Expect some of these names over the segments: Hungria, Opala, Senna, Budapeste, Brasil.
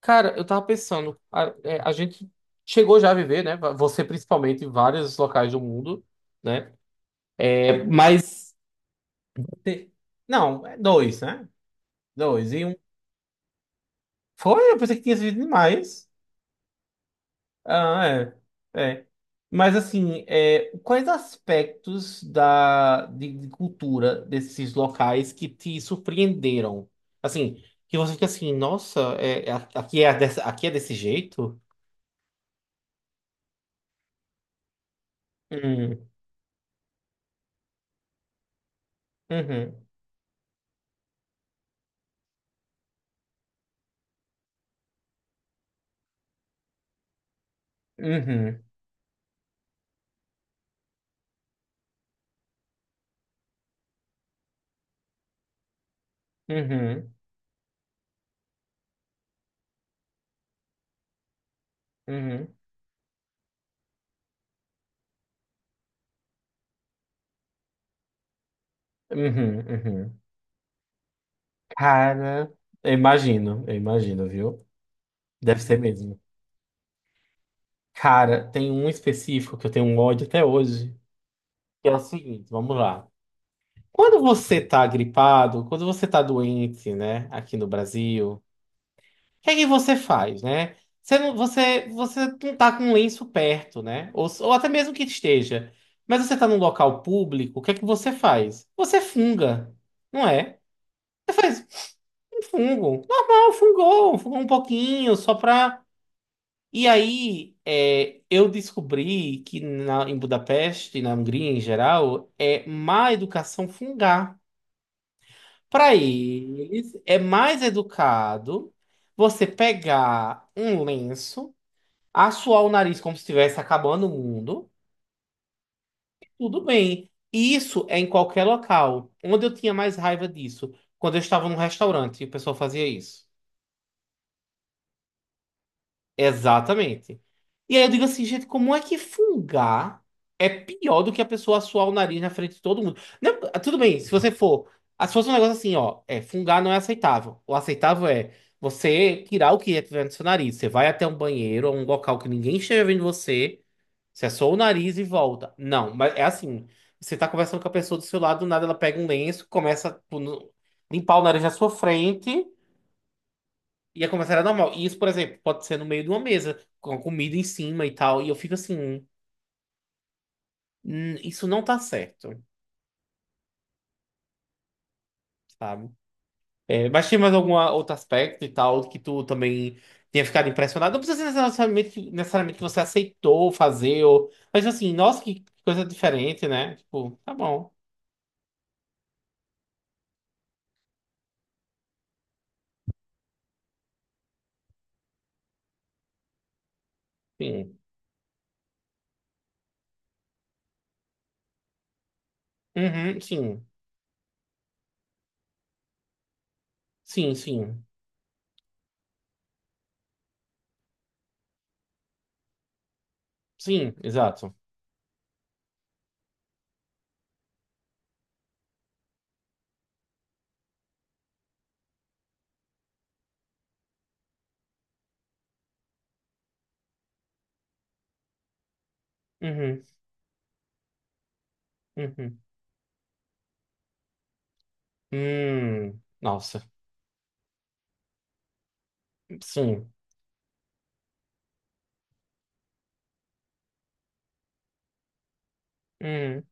Cara, eu tava pensando, a gente chegou já a viver, né? Você principalmente em vários locais do mundo, né? É, mas. te- Não, é dois, né? Dois. E um. Foi, eu pensei que tinha vivido demais. Ah, é. É. Mas assim, é, quais aspectos de cultura desses locais que te surpreenderam? Assim, que você fica assim, nossa, aqui é, aqui é desse jeito? Hum, uhum, uhum. Uhum, uhum, uhum, uhum. Cara, eu imagino, viu? Deve ser mesmo. Cara, tem um específico que eu tenho um ódio até hoje, que é o seguinte, vamos lá. Quando você tá gripado, quando você tá doente, né, aqui no Brasil, o que é que você faz, né? Você não tá com um lenço perto, né? Ou até mesmo que esteja. Mas você tá num local público, o que é que você faz? Você funga, não é? Fungo. Normal, fungou, fungou um pouquinho, só pra. E aí, é, eu descobri que em Budapeste, na Hungria em geral, é má educação fungar. Para eles, é mais educado você pegar um lenço, assoar o nariz como se estivesse acabando o mundo, tudo bem. E isso é em qualquer local. Onde eu tinha mais raiva disso? Quando eu estava num restaurante e o pessoal fazia isso. Exatamente. E aí eu digo assim, gente, como é que fungar é pior do que a pessoa suar o nariz na frente de todo mundo? Não, tudo bem, se você for. Se fosse um negócio assim, ó, é, fungar não é aceitável. O aceitável é você tirar o que é tiver no seu nariz. Você vai até um banheiro ou um local que ninguém esteja vendo você, você é só o nariz e volta. Não, mas é assim. Você tá conversando com a pessoa do seu lado, do nada ela pega um lenço, começa a tipo, limpar o nariz na sua frente. Ia começar era normal. E isso, por exemplo, pode ser no meio de uma mesa, com a comida em cima e tal. E eu fico assim, isso não tá certo", sabe? É, mas tinha mais algum outro aspecto e tal que tu também tenha ficado impressionado? Não precisa ser necessariamente, necessariamente que você aceitou fazer, ou... mas assim, nossa, que coisa diferente, né? Tipo, tá bom. Sim. Uhum, sim. Sim, sim. Sim, exato. Uhum, uhum. Nossa. Sim. Uhum,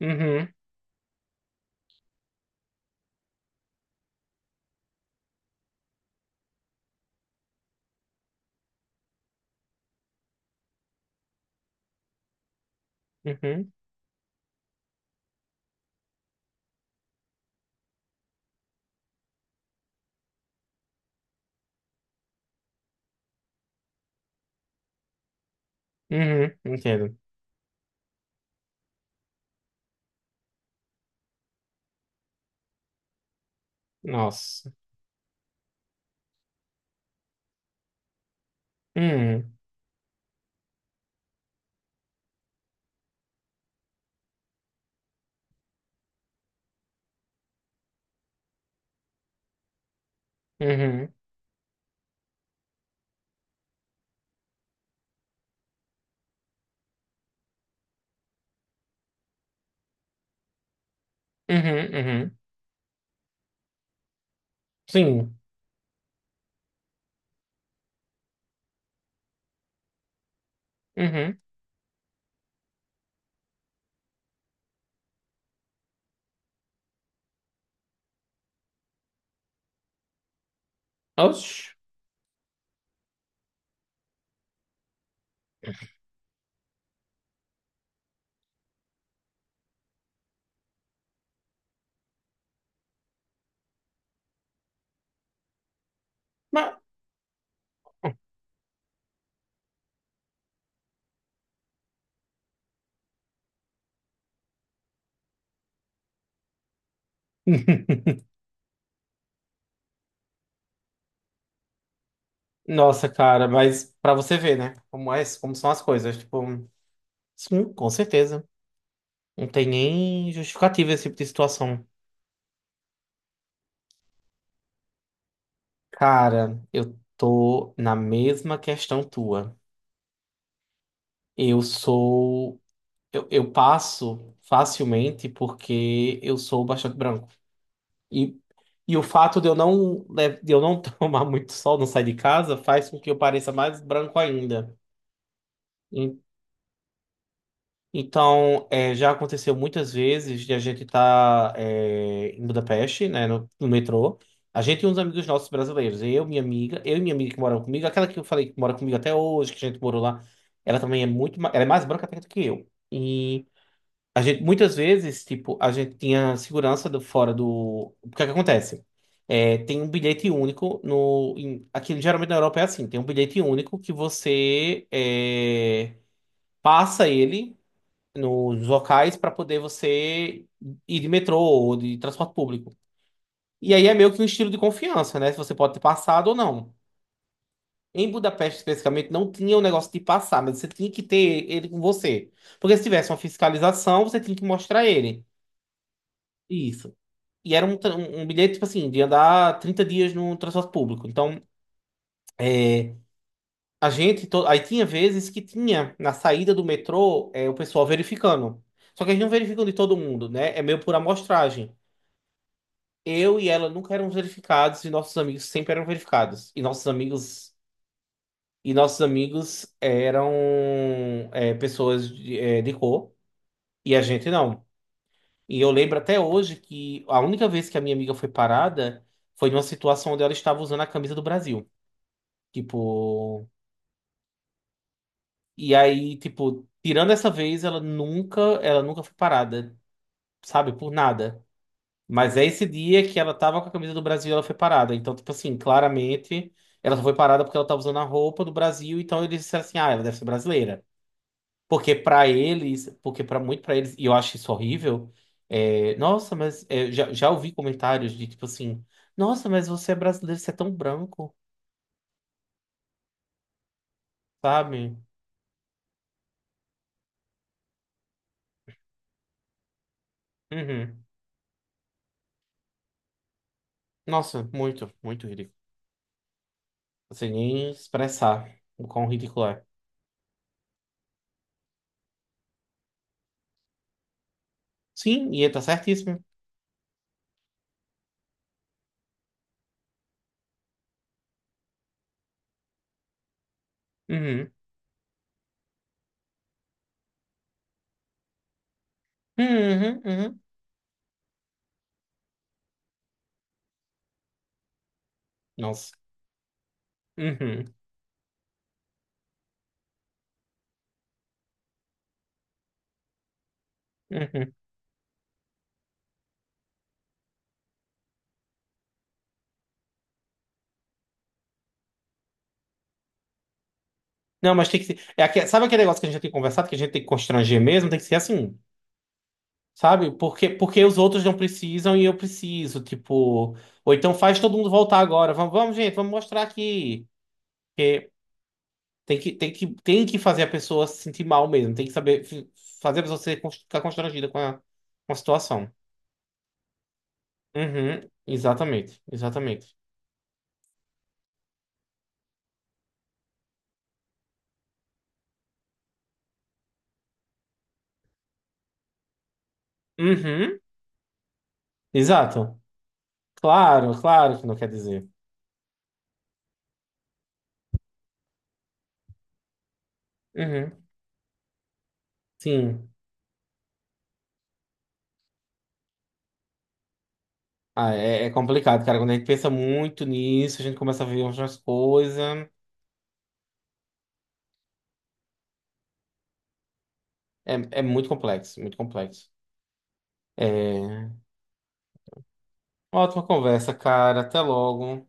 uhum, uhum. Uhum, entendo. Nossa. Hum, uhum, uhum, uhum. Sim. Uhum. Oxi. Mas... Nossa, cara, mas pra você ver, né? Como é, como são as coisas. Tipo, sim, com certeza. Não tem nem justificativa esse tipo de situação. Cara, eu tô na mesma questão tua. Eu sou. Eu passo facilmente porque eu sou bastante branco. E, e o fato de eu não, le- de eu não tomar muito sol, não sair de casa, faz com que eu pareça mais branco ainda. E- Então, é, já aconteceu muitas vezes de a gente estar em Budapeste, né, no metrô. A gente e uns amigos nossos brasileiros, eu e minha amiga que moram comigo, aquela que eu falei que mora comigo até hoje, que a gente morou lá, ela também é muito, ela é mais branca até do que eu. A gente, muitas vezes, tipo, a gente tinha segurança do, fora do. O que é que acontece? É, tem um bilhete único no. Em, aqui geralmente na Europa é assim, tem um bilhete único que você é, passa ele nos locais para poder você ir de metrô ou de transporte público. E aí é meio que um estilo de confiança, né? Se você pode ter passado ou não. Em Budapeste, especificamente, não tinha o negócio de passar, mas você tinha que ter ele com você. Porque se tivesse uma fiscalização, você tinha que mostrar ele. Isso. E era um, um bilhete, tipo assim, de andar 30 dias no transporte público. Então, é, a gente. Aí tinha vezes que tinha, na saída do metrô, é, o pessoal verificando. Só que eles não verificam de todo mundo, né? É meio por amostragem. Eu e ela nunca eram verificados e nossos amigos sempre eram verificados. E nossos amigos. E nossos amigos eram é, pessoas de, é, de cor e a gente não. E eu lembro até hoje que a única vez que a minha amiga foi parada foi numa situação onde ela estava usando a camisa do Brasil. Tipo, e aí, tipo, tirando essa vez, ela nunca foi parada, sabe, por nada. Mas é esse dia que ela tava com a camisa do Brasil, e ela foi parada. Então, tipo assim, claramente, ela só foi parada porque ela tava usando a roupa do Brasil, então eles disseram assim: "Ah, ela deve ser brasileira". Porque pra muito pra eles, e eu acho isso horrível, é, nossa, mas é, já, já ouvi comentários de tipo assim: "Nossa, mas você é brasileiro, você é tão branco", sabe? Uhum. Nossa, muito, muito ridículo. Sem nem expressar o quão ridículo é. Sim, e ele tá certíssimo. Uhum. Uhum, uhum. Nossa. Uhum, uhum. Não, mas tem que ser. É aque- Sabe aquele negócio que a gente já tem conversado, que a gente tem que constranger mesmo? Tem que ser assim, sabe? Porque, porque os outros não precisam e eu preciso. Tipo, ou então faz todo mundo voltar agora. Vamos, vamos, gente, vamos mostrar aqui. Porque tem que fazer a pessoa se sentir mal mesmo. Tem que saber fazer a pessoa ser, ficar constrangida com a situação. Uhum, exatamente, exatamente. Uhum, exato. Claro, claro que não quer dizer. Uhum, sim. Ah, é, é complicado, cara. Quando a gente pensa muito nisso, a gente começa a ver outras coisas. É, é muito complexo, muito complexo. É... Ótima conversa, cara. Até logo.